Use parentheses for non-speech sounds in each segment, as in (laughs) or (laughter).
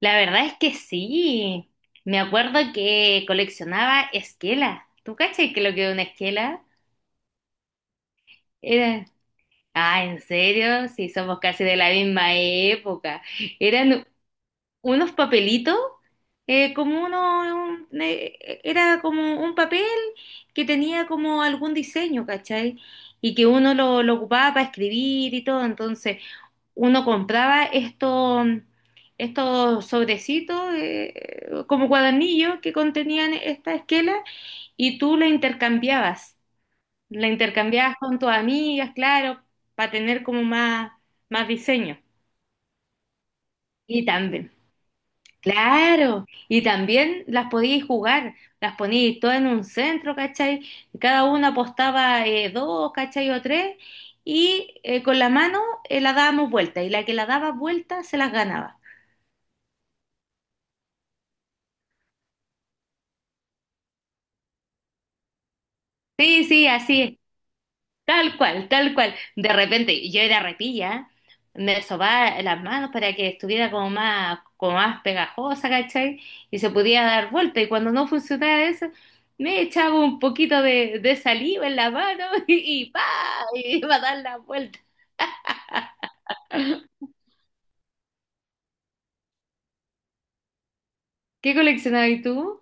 La verdad es que sí. Me acuerdo que coleccionaba esquelas. ¿Tú cachai que lo que es una esquela? Era... Ah, ¿en serio? Sí, somos casi de la misma época. Eran unos papelitos, como era como un papel que tenía como algún diseño, ¿cachai? Y que uno lo ocupaba para escribir y todo. Entonces, uno compraba estos sobrecitos, como cuadernillos que contenían esta esquela y tú la intercambiabas. La intercambiabas con tus amigas, claro, para tener como más diseño. Y también, claro, y también las podíais jugar, las poníais todas en un centro, ¿cachai? Cada una apostaba dos, ¿cachai? O tres, y con la mano la dábamos vuelta, y la que la daba vuelta se las ganaba. Sí, sí, así es, tal cual, tal cual. De repente yo era repilla, me sobaba las manos para que estuviera como más pegajosa, ¿cachai? Y se podía dar vuelta. Y cuando no funcionaba eso, me echaba un poquito de saliva en la mano (laughs) y, ¡pa! Iba a dar la vuelta. ¿Qué coleccionabas tú?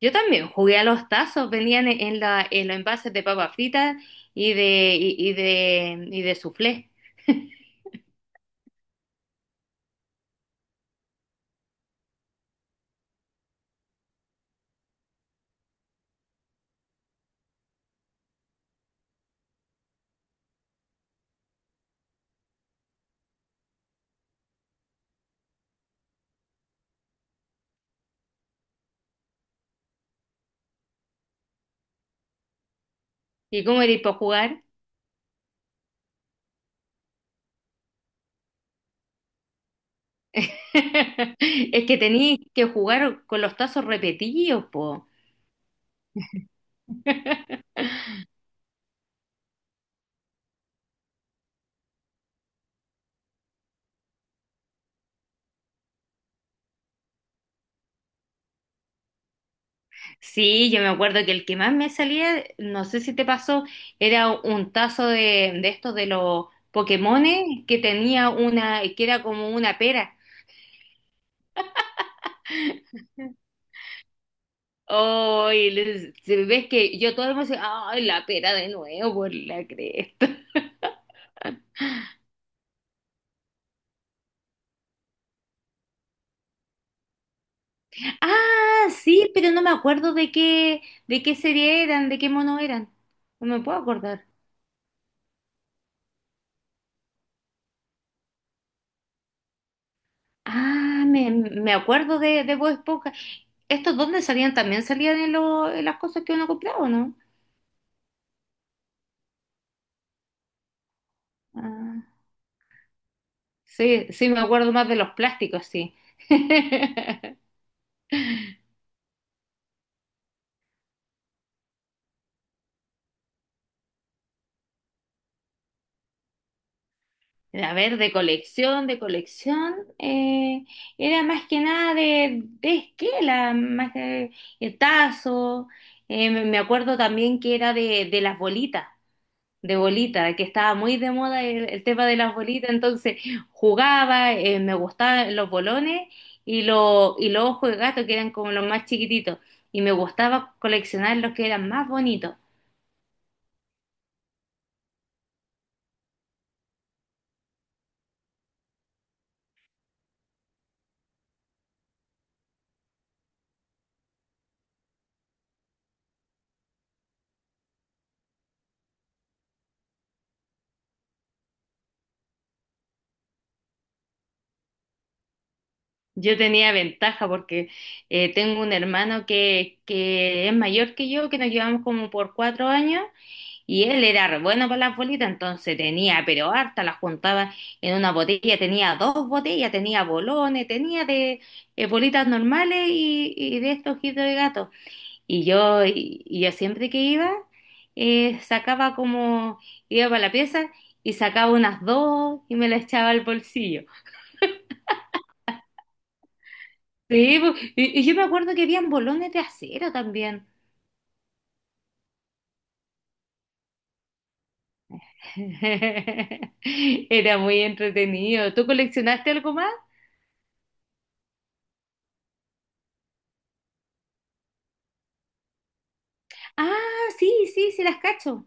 Yo también jugué a los tazos, venían en los envases de papas fritas y de soufflé. (laughs) ¿Y cómo eres para jugar? (laughs) Es que tenías que jugar con los tazos repetidos, po. (laughs) Sí, yo me acuerdo que el que más me salía, no sé si te pasó, era un tazo de estos de los Pokémones que tenía una, que era como una pera. Oh, si ves que yo todo el mundo decía, ay, la pera de nuevo por la cresta. (laughs) Ah, sí, pero no me acuerdo de qué serie eran, de qué mono eran. No me puedo acordar. Ah, me acuerdo de Bob Esponja. ¿Estos dónde salían? ¿También salían en las cosas que uno compraba o no? Ah, sí, sí, me acuerdo más de los plásticos, sí. (laughs) A ver, de colección, era más que nada de esquela, más que de tazo. Me acuerdo también que era de las bolitas. De bolita, que estaba muy de moda el tema de las bolitas, entonces jugaba, me gustaban los bolones y, y los ojos de gato, que eran como los más chiquititos, y me gustaba coleccionar los que eran más bonitos. Yo tenía ventaja porque tengo un hermano que es mayor que yo, que nos llevamos como por 4 años. Y él era re bueno para las bolitas, entonces tenía, pero harta, las juntaba en una botella, tenía dos botellas, tenía bolones, tenía de bolitas normales y, de estos ojitos de gato. Y yo siempre que iba, sacaba como, iba para la pieza y sacaba unas dos y me las echaba al bolsillo. Sí, po, y, yo me acuerdo que habían bolones de acero también. (laughs) Era muy entretenido. ¿Tú coleccionaste algo más? Ah, sí, sí, sí las cacho.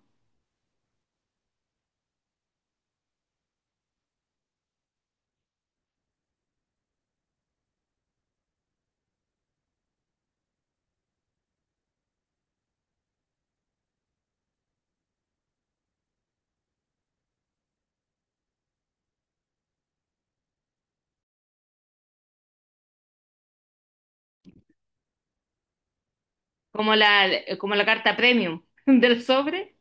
Como la carta premium (laughs) del sobre.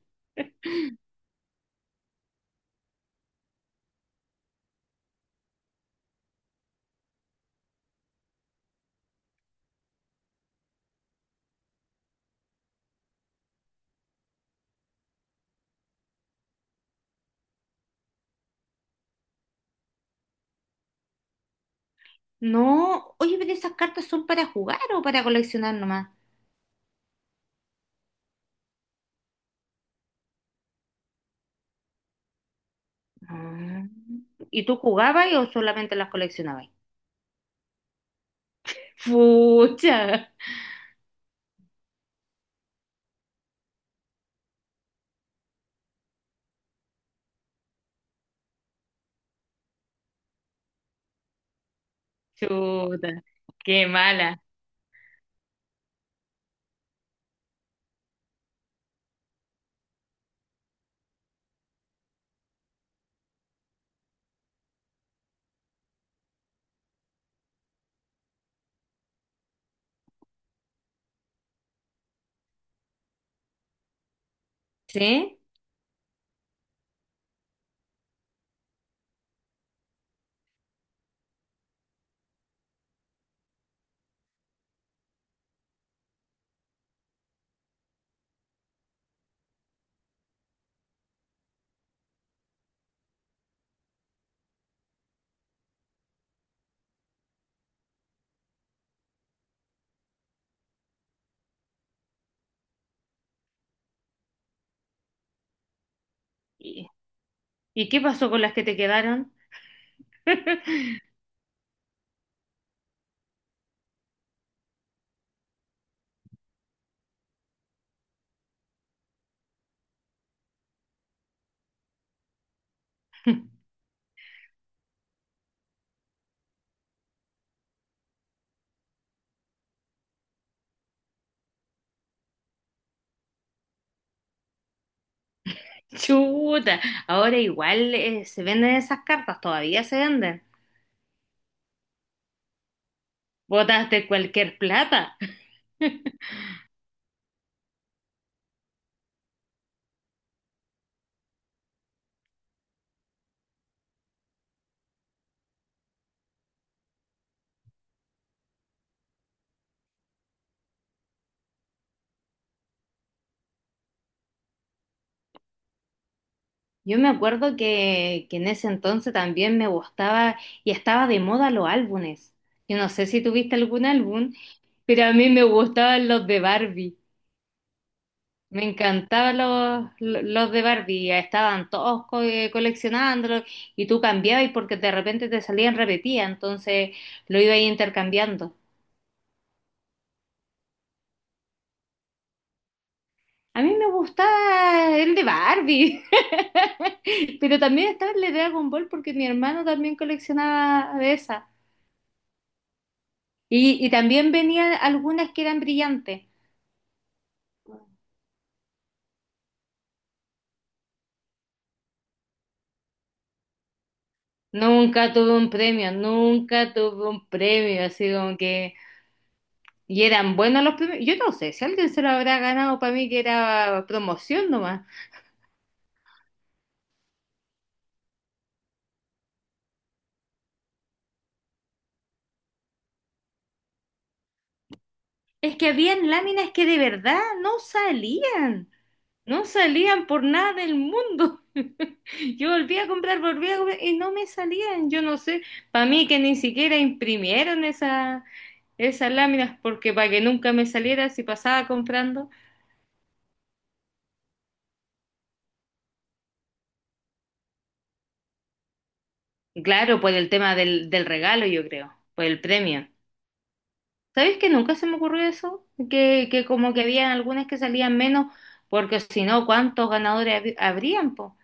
No, oye, pero esas cartas son para jugar o para coleccionar nomás. Ah. ¿Y tú jugabas o solamente las coleccionabas? Fucha. Chuta, qué mala. ¿Sí? ¿Y, y qué pasó con las que te quedaron? (laughs) Chuta, ahora igual se venden esas cartas, todavía se venden. Botaste cualquier plata. (laughs) Yo me acuerdo que en ese entonces también me gustaba y estaba de moda los álbumes. Yo no sé si tuviste algún álbum, pero a mí me gustaban los, de Barbie. Me encantaban los de Barbie. Estaban todos coleccionándolos y tú cambiabas porque de repente te salían repetidas, entonces lo iba ahí intercambiando. A mí me gustaba el de Barbie, (laughs) pero también estaba el de Dragon Ball porque mi hermano también coleccionaba de esas. Y, también venían algunas que eran brillantes. Nunca tuve un premio, nunca tuve un premio, así como que... Y eran buenos los premios. Yo no sé si alguien se lo habrá ganado, para mí que era promoción nomás. Es que habían láminas que de verdad no salían, no salían por nada del mundo. (laughs) Yo volví a comprar y no me salían. Yo no sé, para mí que ni siquiera imprimieron esas láminas porque para que nunca me saliera si pasaba comprando. Claro, por el tema del regalo, yo creo, por el premio. ¿Sabes que nunca se me ocurrió eso? Que como que habían algunas que salían menos, porque si no, ¿cuántos ganadores habrían, po?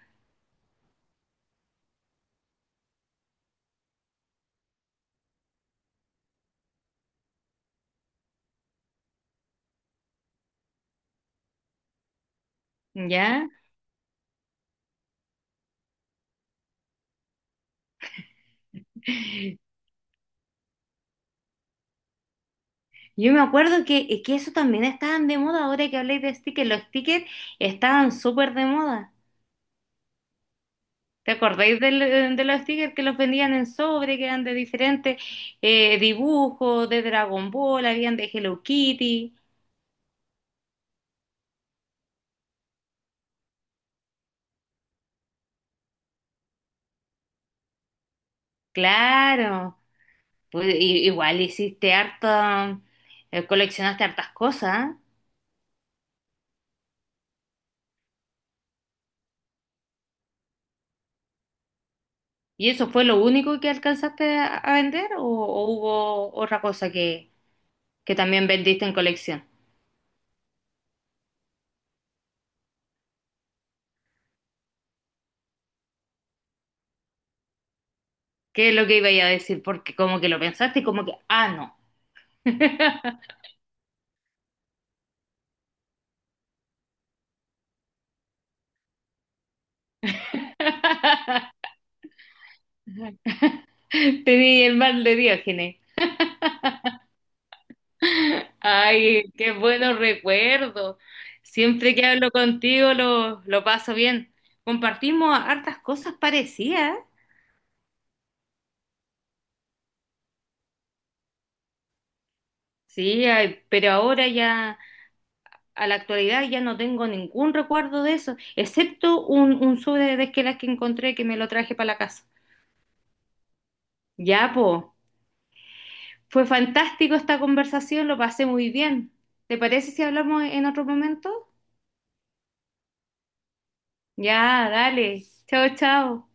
¿Ya? (laughs) Yo me acuerdo que eso también estaban de moda, ahora que habléis de stickers, los stickers estaban súper de moda. ¿Te acordáis de los stickers que los vendían en sobre, que eran de diferentes dibujos, de Dragon Ball, habían de Hello Kitty? Claro. Pues, igual hiciste coleccionaste hartas cosas. ¿Y eso fue lo único que alcanzaste a vender o hubo otra cosa que también vendiste en colección? ¿Qué es lo que iba a decir? Porque como que lo pensaste y como que, ah, no. (laughs) Tenía el mal de Diógenes. Ay, qué buenos recuerdos. Siempre que hablo contigo lo paso bien. Compartimos hartas cosas parecidas. Sí, ay, pero ahora ya, a la actualidad ya no tengo ningún recuerdo de eso, excepto un sobre de Desquelas que encontré que me lo traje para la casa. Ya, po, fue fantástico esta conversación, lo pasé muy bien. ¿Te parece si hablamos en otro momento? Ya, dale. Chao, chao.